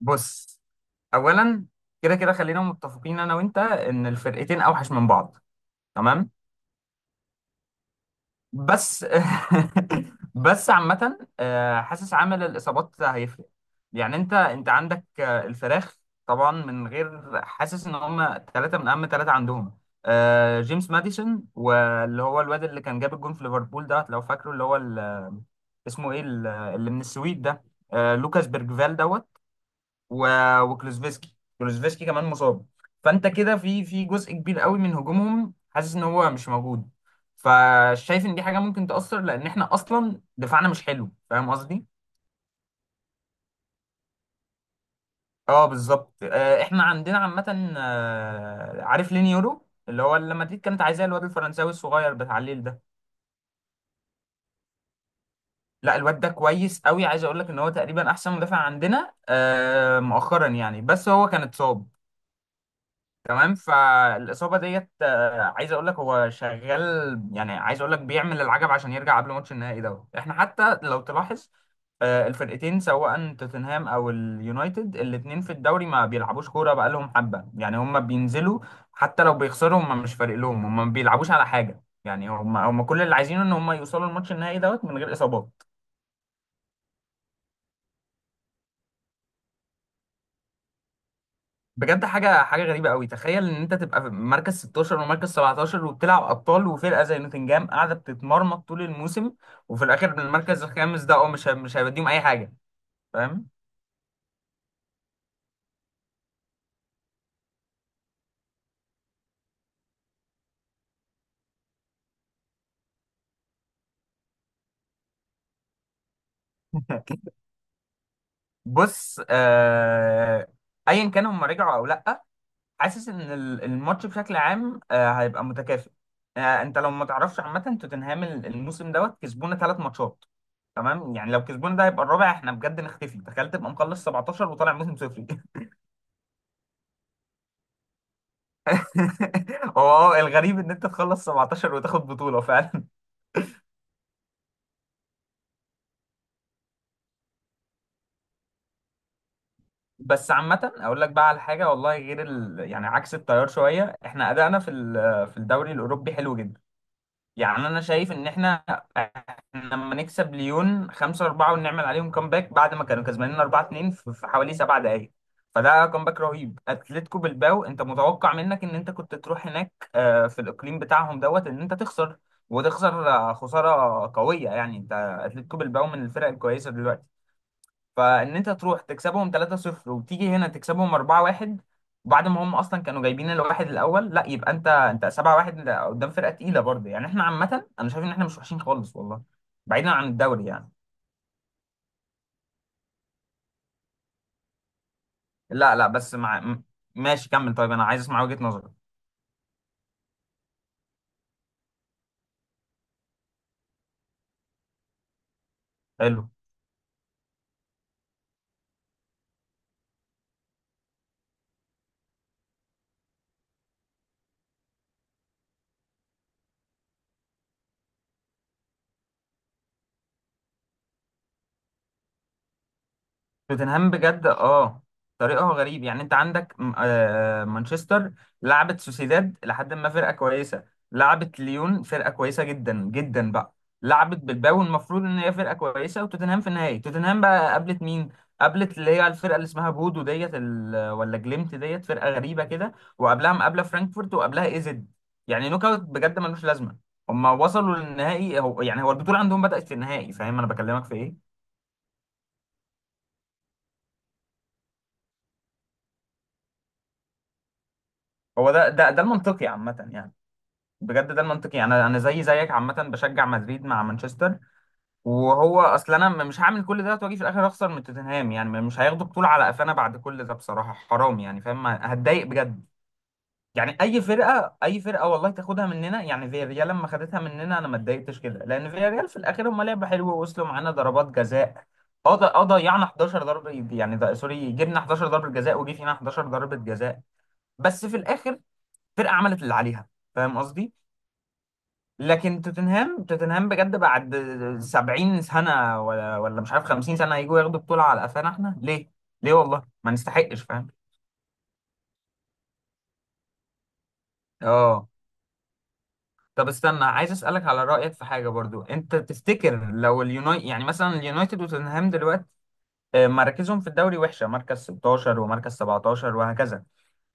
بص. اولا، كده كده خلينا متفقين انا وانت ان الفرقتين اوحش من بعض، تمام؟ بس بس عامه حاسس عامل الاصابات هيفرق. يعني انت عندك الفراخ، طبعا من غير حاسس ان هم ثلاثه من اهم ثلاثه عندهم. جيمس ماديسون، واللي هو الواد اللي كان جاب الجون في ليفربول ده لو فاكره، اللي هو اسمه ايه، اللي من السويد ده، لوكاس بيرجفال دوت و- وكلوزفيسكي. كلوزفيسكي كمان مصاب. فانت كده في جزء كبير قوي من هجومهم حاسس ان هو مش موجود. فشايف ان دي حاجه ممكن تاثر، لان احنا اصلا دفاعنا مش حلو. فاهم قصدي؟ اه، بالظبط. احنا عندنا عامه، عارف لينيورو اللي هو اللي مدريد كانت عايزاه، الواد الفرنساوي الصغير بتاع الليل ده. لا، الواد ده كويس قوي. عايز اقول لك ان هو تقريبا احسن مدافع عندنا مؤخرا يعني، بس هو كان اتصاب. تمام. فالاصابه ديت، عايز اقول لك هو شغال، يعني عايز اقول لك بيعمل العجب عشان يرجع قبل ماتش النهائي دوت. احنا حتى لو تلاحظ، الفرقتين سواء توتنهام او اليونايتد الاتنين في الدوري ما بيلعبوش كوره بقالهم حبه. يعني هم بينزلوا، حتى لو بيخسروا هم مش فارق لهم، هم ما بيلعبوش على حاجه. يعني هم كل اللي عايزينه ان هم يوصلوا الماتش النهائي دوت من غير اصابات. بجد حاجه غريبه قوي. تخيل ان انت تبقى في مركز 16 ومركز 17 وبتلعب ابطال، وفرقه زي نوتنجهام قاعده بتتمرمط طول الموسم، وفي الاخر المركز الخامس ده اه مش هيوديهم اي حاجه. فاهم؟ بص ايا كان هم رجعوا او لا، حاسس ان الماتش بشكل عام هيبقى متكافئ. انت لو ما تعرفش، عامه توتنهام الموسم دوت كسبونا ثلاث ماتشات. تمام؟ يعني لو كسبونا ده هيبقى الرابع، احنا بجد نختفي. تخيل تبقى مخلص 17 وطالع موسم صفري. هو اه، الغريب ان انت تخلص 17 وتاخد بطولة فعلا. بس عامة اقول لك بقى على حاجة والله غير ال... يعني عكس التيار شوية. احنا ادائنا في الدوري الاوروبي حلو جدا. يعني انا شايف ان احنا إحنا لما نكسب ليون 5-4 ونعمل عليهم كومباك بعد ما كانوا كسبانين 4-2 في حوالي 7 دقائق، فده كومباك رهيب. اتلتيكو بالباو، انت متوقع منك ان انت كنت تروح هناك في الاقليم بتاعهم دوت ان انت تخسر، وتخسر خساره قويه، يعني انت، اتلتيكو بالباو من الفرق الكويسه دلوقتي. فان انت تروح تكسبهم 3-0 وتيجي هنا تكسبهم 4-1 بعد ما هم اصلا كانوا جايبين الواحد الاول، لا يبقى انت 7-1. ده قدام فرقه تقيله برضه. يعني احنا عامه انا شايف ان احنا مش وحشين خالص والله، بعيدا عن الدوري يعني. لا لا بس مع ماشي كمل. طيب انا عايز اسمع وجهه نظرك. حلو. توتنهام بجد اه، طريقه غريب. يعني انت عندك مانشستر لعبت سوسيداد لحد ما، فرقه كويسه. لعبت ليون، فرقه كويسه جدا جدا بقى. لعبت بالباو، المفروض ان هي فرقه كويسه. وتوتنهام في النهائي، توتنهام بقى قابلت مين؟ قابلت اللي هي الفرقه اللي اسمها بودو ديت، ولا جليمت ديت، فرقه غريبه كده. وقبلها مقابله فرانكفورت، وقبلها ايزد. يعني نوك اوت بجد ملوش لازمه. هما وصلوا للنهائي، هو يعني هو البطوله عندهم بدأت في النهائي. فاهم انا بكلمك في ايه؟ هو ده المنطقي عامه يعني. بجد ده المنطقي يعني انا زي زيك عامه بشجع مدريد مع مانشستر. وهو اصلا انا مش هعمل كل ده واجي في الاخر اخسر من توتنهام. يعني مش هياخدوا بطوله على قفانا بعد كل ده بصراحه، حرام يعني. فاهم؟ هتضايق بجد. يعني اي فرقه، اي فرقه والله تاخدها مننا، يعني فياريال لما خدتها مننا انا ما اتضايقتش كده، لان فياريال في الاخر هم لعبه حلوه ووصلوا معانا ضربات جزاء. اه ضيعنا 11 ضربه، يعني ده سوري، جبنا 11 ضربه جزاء وجي فينا 11 ضربه جزاء. بس في الاخر فرقه عملت اللي عليها. فاهم قصدي؟ لكن توتنهام، توتنهام بجد، بعد 70 سنة ولا مش عارف 50 سنة، هيجوا ياخدوا بطولة على قفانا احنا ليه؟ ليه والله؟ ما نستحقش، فاهم؟ اه. طب استنى، عايز اسألك على رأيك في حاجة برضو. انت تفتكر لو اليونايتد، يعني مثلا اليونايتد وتوتنهام دلوقتي مراكزهم في الدوري وحشة، مركز 16 ومركز 17 وهكذا.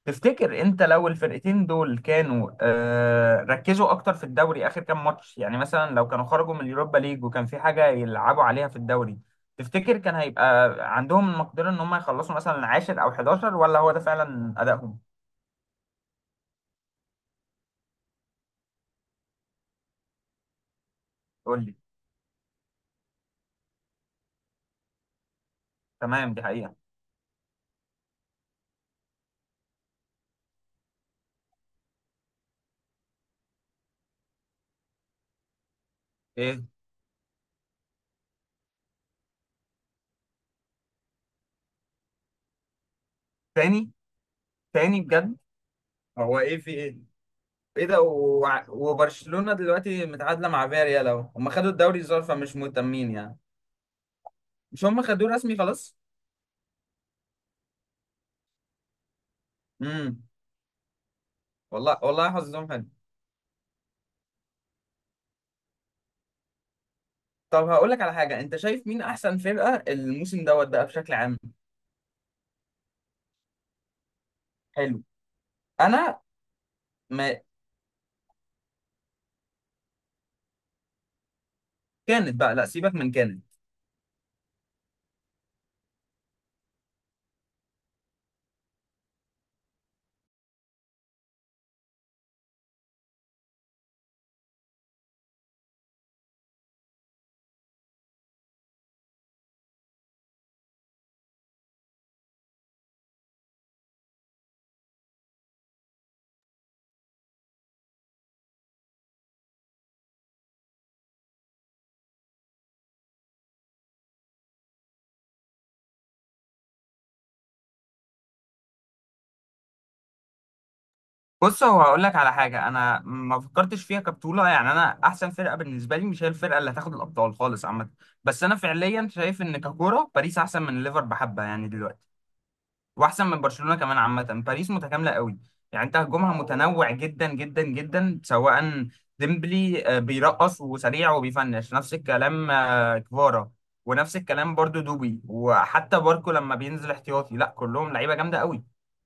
تفتكر انت لو الفرقتين دول كانوا ركزوا اكتر في الدوري اخر كام ماتش، يعني مثلا لو كانوا خرجوا من اليوروبا ليج وكان في حاجه يلعبوا عليها في الدوري، تفتكر كان هيبقى عندهم المقدره ان هم يخلصوا مثلا عاشر او 11 ولا هو ده فعلا ادائهم؟ قول لي. تمام، دي حقيقه. ايه؟ تاني؟ تاني بجد؟ هو ايه في ايه؟ ايه ده؟ وع- وبرشلونة دلوقتي متعادلة مع فياريال اهو. هم خدوا الدوري الظاهر، فمش مهتمين يعني. مش هم خدوه رسمي خلاص. امم. والله حظهم حلو. طب هقول لك على حاجة. انت شايف مين احسن فرقة الموسم دوت بقى بشكل عام؟ حلو. انا ما كانت بقى، لا سيبك من كانت. بص هو هقول لك على حاجة. انا ما فكرتش فيها كبطولة، يعني انا احسن فرقة بالنسبة لي مش هي الفرقة اللي هتاخد الابطال خالص عامة. بس انا فعليا شايف ان ككورة باريس احسن من ليفر بحبة يعني دلوقتي، واحسن من برشلونه كمان عامه. باريس متكامله قوي. يعني انت هجومها متنوع جدا جدا جدا. سواء ديمبلي بيرقص وسريع وبيفنش، نفس الكلام كفارا، ونفس الكلام برضو دوبي، وحتى باركو لما بينزل احتياطي، لا كلهم لعيبه جامده قوي.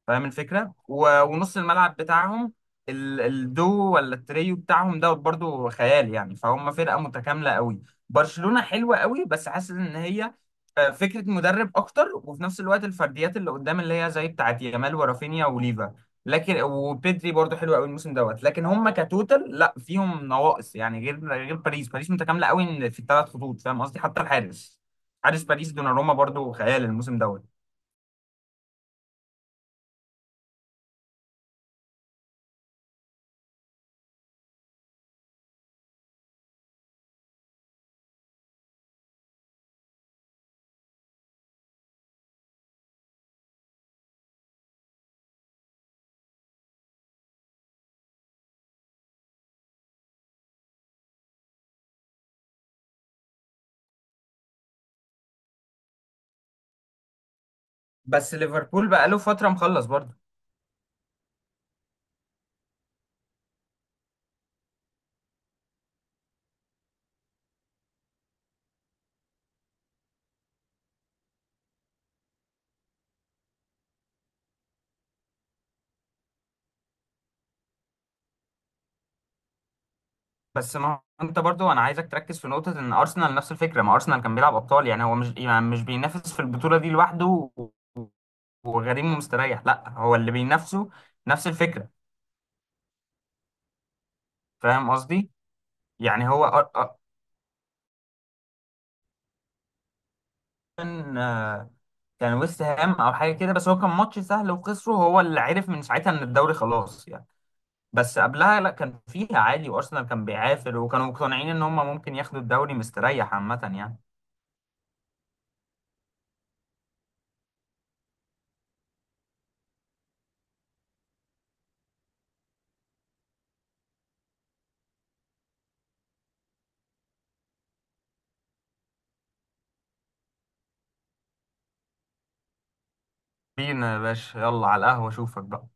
فاهم الفكره؟ و- ونص الملعب بتاعهم، الدو ولا التريو بتاعهم ده برضو خيال يعني. فهم فرقه متكامله قوي. برشلونه حلوه قوي، بس حاسس ان هي فكره مدرب اكتر، وفي نفس الوقت الفرديات اللي قدام اللي هي زي بتاعت يامال ورافينيا وليفا. لكن وبيدري برضو حلو قوي الموسم دوت. لكن هم كتوتال لا فيهم نواقص يعني، غير باريس. باريس متكامله قوي إن في الثلاث خطوط، فاهم قصدي؟ حتى الحارس، حارس باريس دوناروما برضو خيال الموسم دوت. بس ليفربول بقى له فتره مخلص برضو. بس ما انت برضو انا عايزك تركز في نقطه، ان ارسنال نفس الفكره. ما ارسنال كان بيلعب ابطال، يعني هو مش يعني مش بينافس في البطوله دي لوحده وغريم ومستريح، لا هو اللي بينافسه نفس الفكره. فاهم قصدي؟ يعني هو كان كان ويست هام او حاجه كده، بس هو كان ماتش سهل وخسره، هو اللي عرف من ساعتها ان الدوري خلاص يعني. بس قبلها لا، كان فيها عالي وارسنال كان بيعافر وكانوا مقتنعين ان هم ممكن ياخدوا الدوري مستريح عامه يعني. بينا يا باشا، يلا على القهوه، اشوفك بقى.